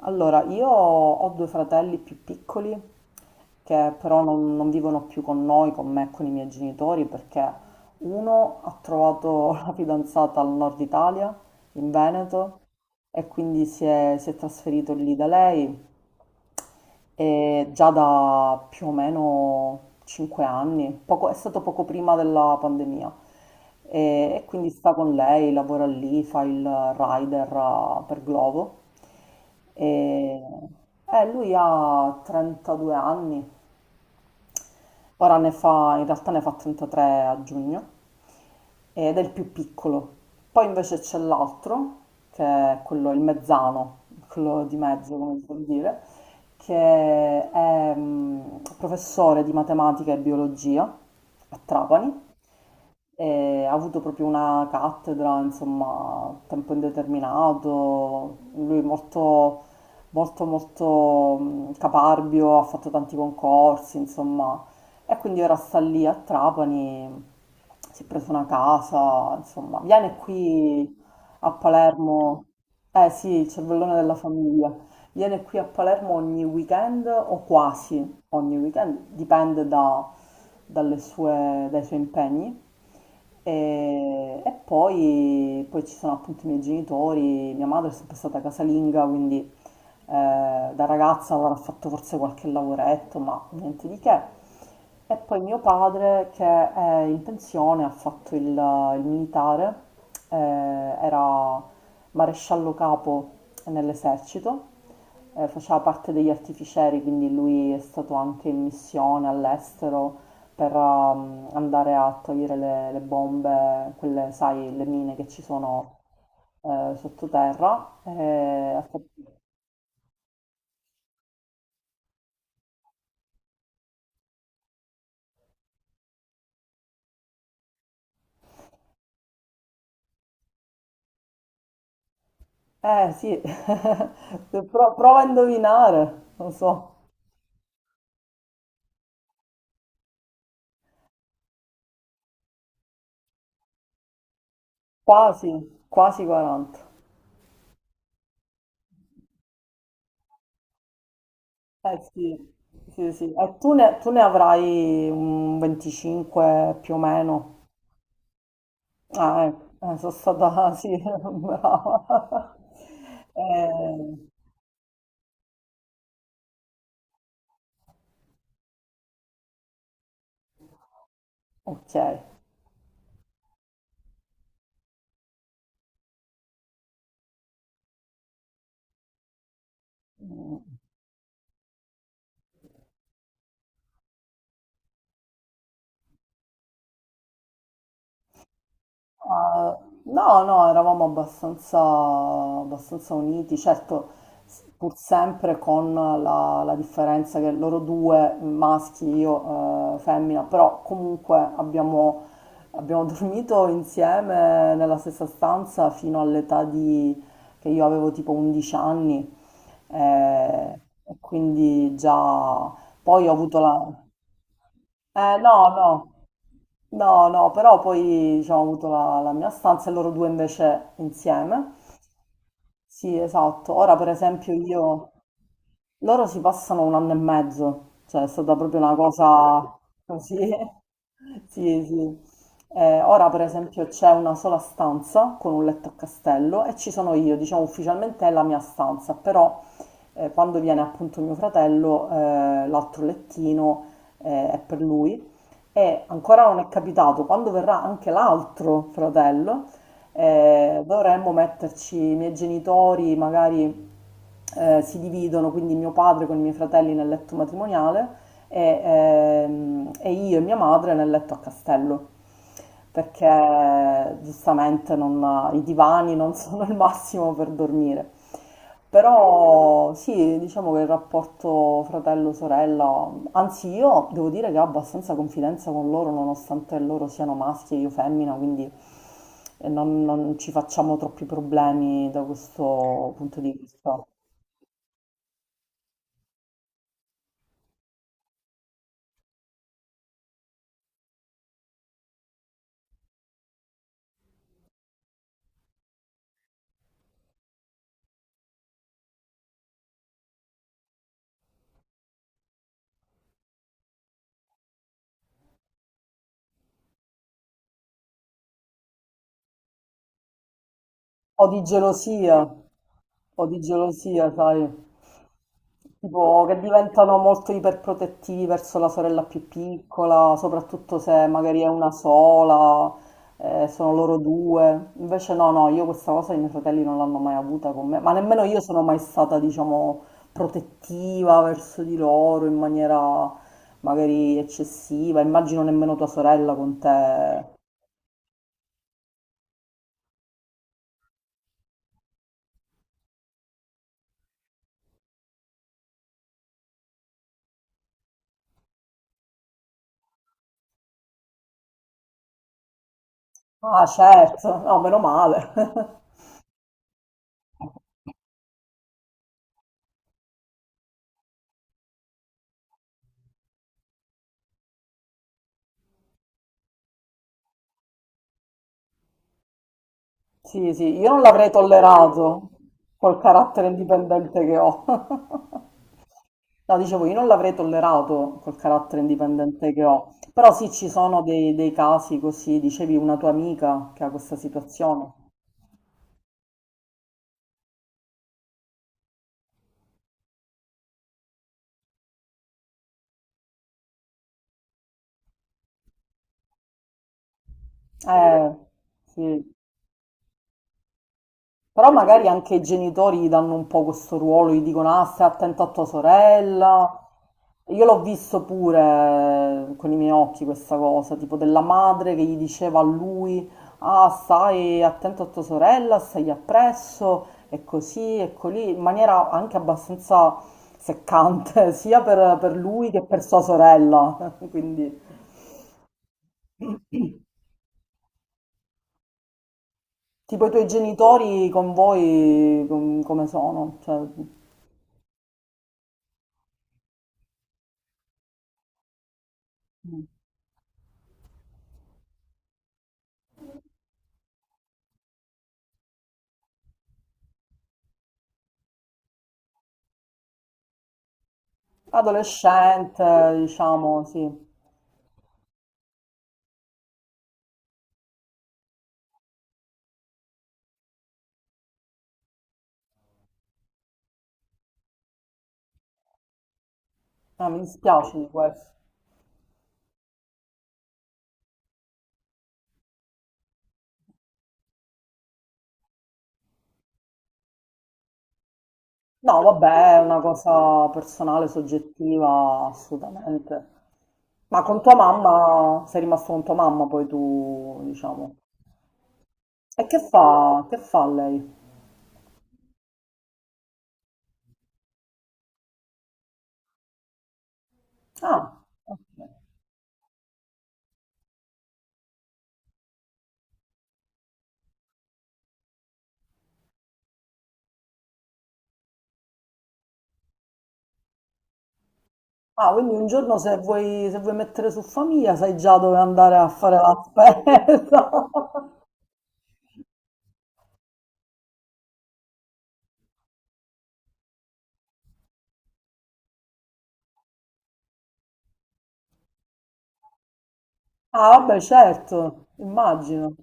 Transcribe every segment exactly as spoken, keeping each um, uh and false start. Allora, io ho due fratelli più piccoli che però non, non vivono più con noi, con me e con i miei genitori, perché uno ha trovato la fidanzata al nord Italia, in Veneto, e quindi si è, si è trasferito lì da lei e già da più o meno cinque anni, poco- è stato poco prima della pandemia e, e quindi sta con lei, lavora lì, fa il rider eh, per Glovo e eh, lui ha trentadue anni. Ora ne fa, in realtà ne fa trentatré a giugno, ed è il più piccolo. Poi invece c'è l'altro, che è quello, il mezzano, quello di mezzo, come si può dire, che è mm, professore di matematica e biologia a Trapani. E ha avuto proprio una cattedra, insomma, a tempo indeterminato, lui molto, molto, molto mm, caparbio, ha fatto tanti concorsi, insomma, e quindi ora sta lì a Trapani, si è preso una casa, insomma, viene qui a Palermo, eh sì, il cervellone della famiglia, viene qui a Palermo ogni weekend o quasi ogni weekend, dipende da- dalle sue- dai suoi impegni. E, e poi, poi ci sono appunto i miei genitori, mia madre è sempre stata casalinga, quindi eh, da ragazza avrà fatto forse qualche lavoretto, ma niente di che. E poi mio padre, che è in pensione, ha fatto il, il militare, eh, era maresciallo capo nell'esercito, eh, faceva parte degli artificieri, quindi lui è stato anche in missione all'estero per ehm, andare a togliere le, le bombe, quelle, sai, le mine che ci sono eh, sottoterra. eh, ha fatto- Eh sì, Se pro- prova a indovinare, non so, quasi, quasi quaranta. Eh sì, sì, sì. E tu ne, tu ne avrai un venticinque più o meno. Ah, eh, eh, sono stata, sì, brava. Eh, ok. Mm. Ah, no, no, eravamo abbastanza, abbastanza uniti, certo, s- pur sempre con la, la differenza che loro due maschi, io eh, femmina, però comunque abbiamo, abbiamo dormito insieme nella stessa stanza fino all'età di, che io avevo tipo undici anni, eh, e quindi già poi ho avuto la... Eh, no, no, no, no, però poi diciamo, ho avuto la, la mia stanza e loro due invece insieme. Sì, esatto. Ora, per esempio, io... Loro si passano un anno e mezzo, cioè è stata proprio una cosa così. Sì, sì. Eh, ora, per esempio, c'è una sola stanza con un letto a castello e ci sono io, diciamo ufficialmente è la mia stanza, però eh, quando viene appunto mio fratello, eh, l'altro lettino eh, è per lui e ancora non è capitato, quando verrà anche l'altro fratello eh, dovremmo metterci, i miei genitori magari eh, si dividono, quindi mio padre con i miei fratelli nel letto matrimoniale e, ehm, e io e mia madre nel letto a castello, perché giustamente non- i divani non sono il massimo per dormire. Però sì, diciamo che il rapporto fratello-sorella, anzi io devo dire che ho abbastanza confidenza con loro nonostante loro siano maschi e io femmina, quindi eh, non, non ci facciamo troppi problemi da questo punto di vista. O di gelosia. Po' di gelosia, sai, tipo che diventano molto iperprotettivi verso la sorella più piccola, soprattutto se magari è una sola, eh, sono loro due. Invece no, no, io questa cosa i miei fratelli non l'hanno mai avuta con me, ma nemmeno io sono mai stata, diciamo, protettiva verso di loro in maniera magari eccessiva. Immagino nemmeno tua sorella con te. Ah, certo, no, meno male. Sì, sì, io non l'avrei tollerato col carattere indipendente che ho. No, dicevo, io non l'avrei tollerato col carattere indipendente che ho. Però sì, ci sono dei, dei casi così, dicevi una tua amica che ha questa situazione. Eh, sì, però magari anche i genitori gli danno un po' questo ruolo, gli dicono ah, stai attento a tua sorella. Io l'ho visto pure eh, con i miei occhi questa cosa, tipo della madre che gli diceva a lui ah, stai attento a tua sorella, stai appresso, e così, e colì, in maniera anche abbastanza seccante, sia per, per lui che per sua sorella. Quindi, tipo i tuoi genitori con voi com- come sono? Cioè... mm. Adolescente, diciamo, sì. Ah, mi dispiace di questo. No, vabbè, è una cosa personale, soggettiva, assolutamente. Ma con tua mamma, sei rimasto con tua mamma poi tu, diciamo. E che fa, che fa lei? Ah, ok. Ah, quindi un giorno se vuoi, se vuoi mettere su famiglia sai già dove andare a fare la spesa. Ah, vabbè, certo, immagino.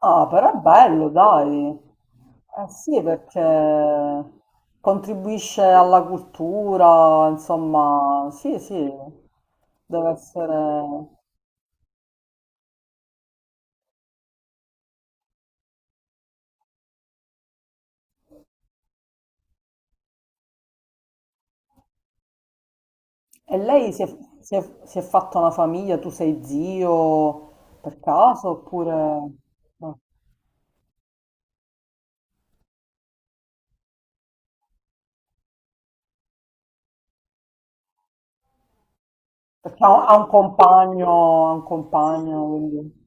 Ah, però è bello, dai. Eh sì, perché contribuisce alla cultura, insomma, sì, sì, deve essere... E lei si è, si è- si è fatta una famiglia, tu sei zio per caso, oppure... no, perché ha, ha un compagno, ha un compagno, quindi...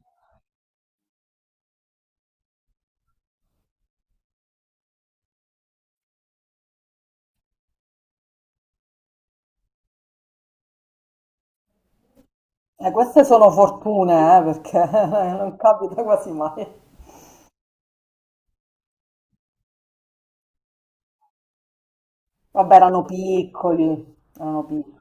Eh, queste sono fortune, eh, perché non capita quasi mai. Vabbè, erano piccoli, erano piccoli.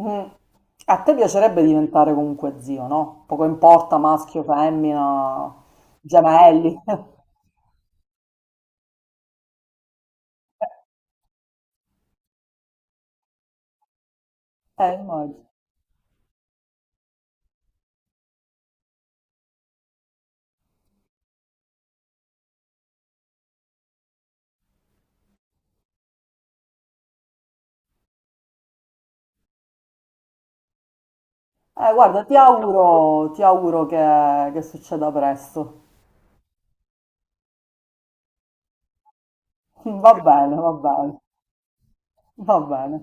Mm. A te piacerebbe diventare comunque zio, no? Poco importa maschio, femmina, gemelli. Eh, immagino. Eh, guarda, ti auguro, ti auguro che, che succeda presto. Va bene, va bene, va bene.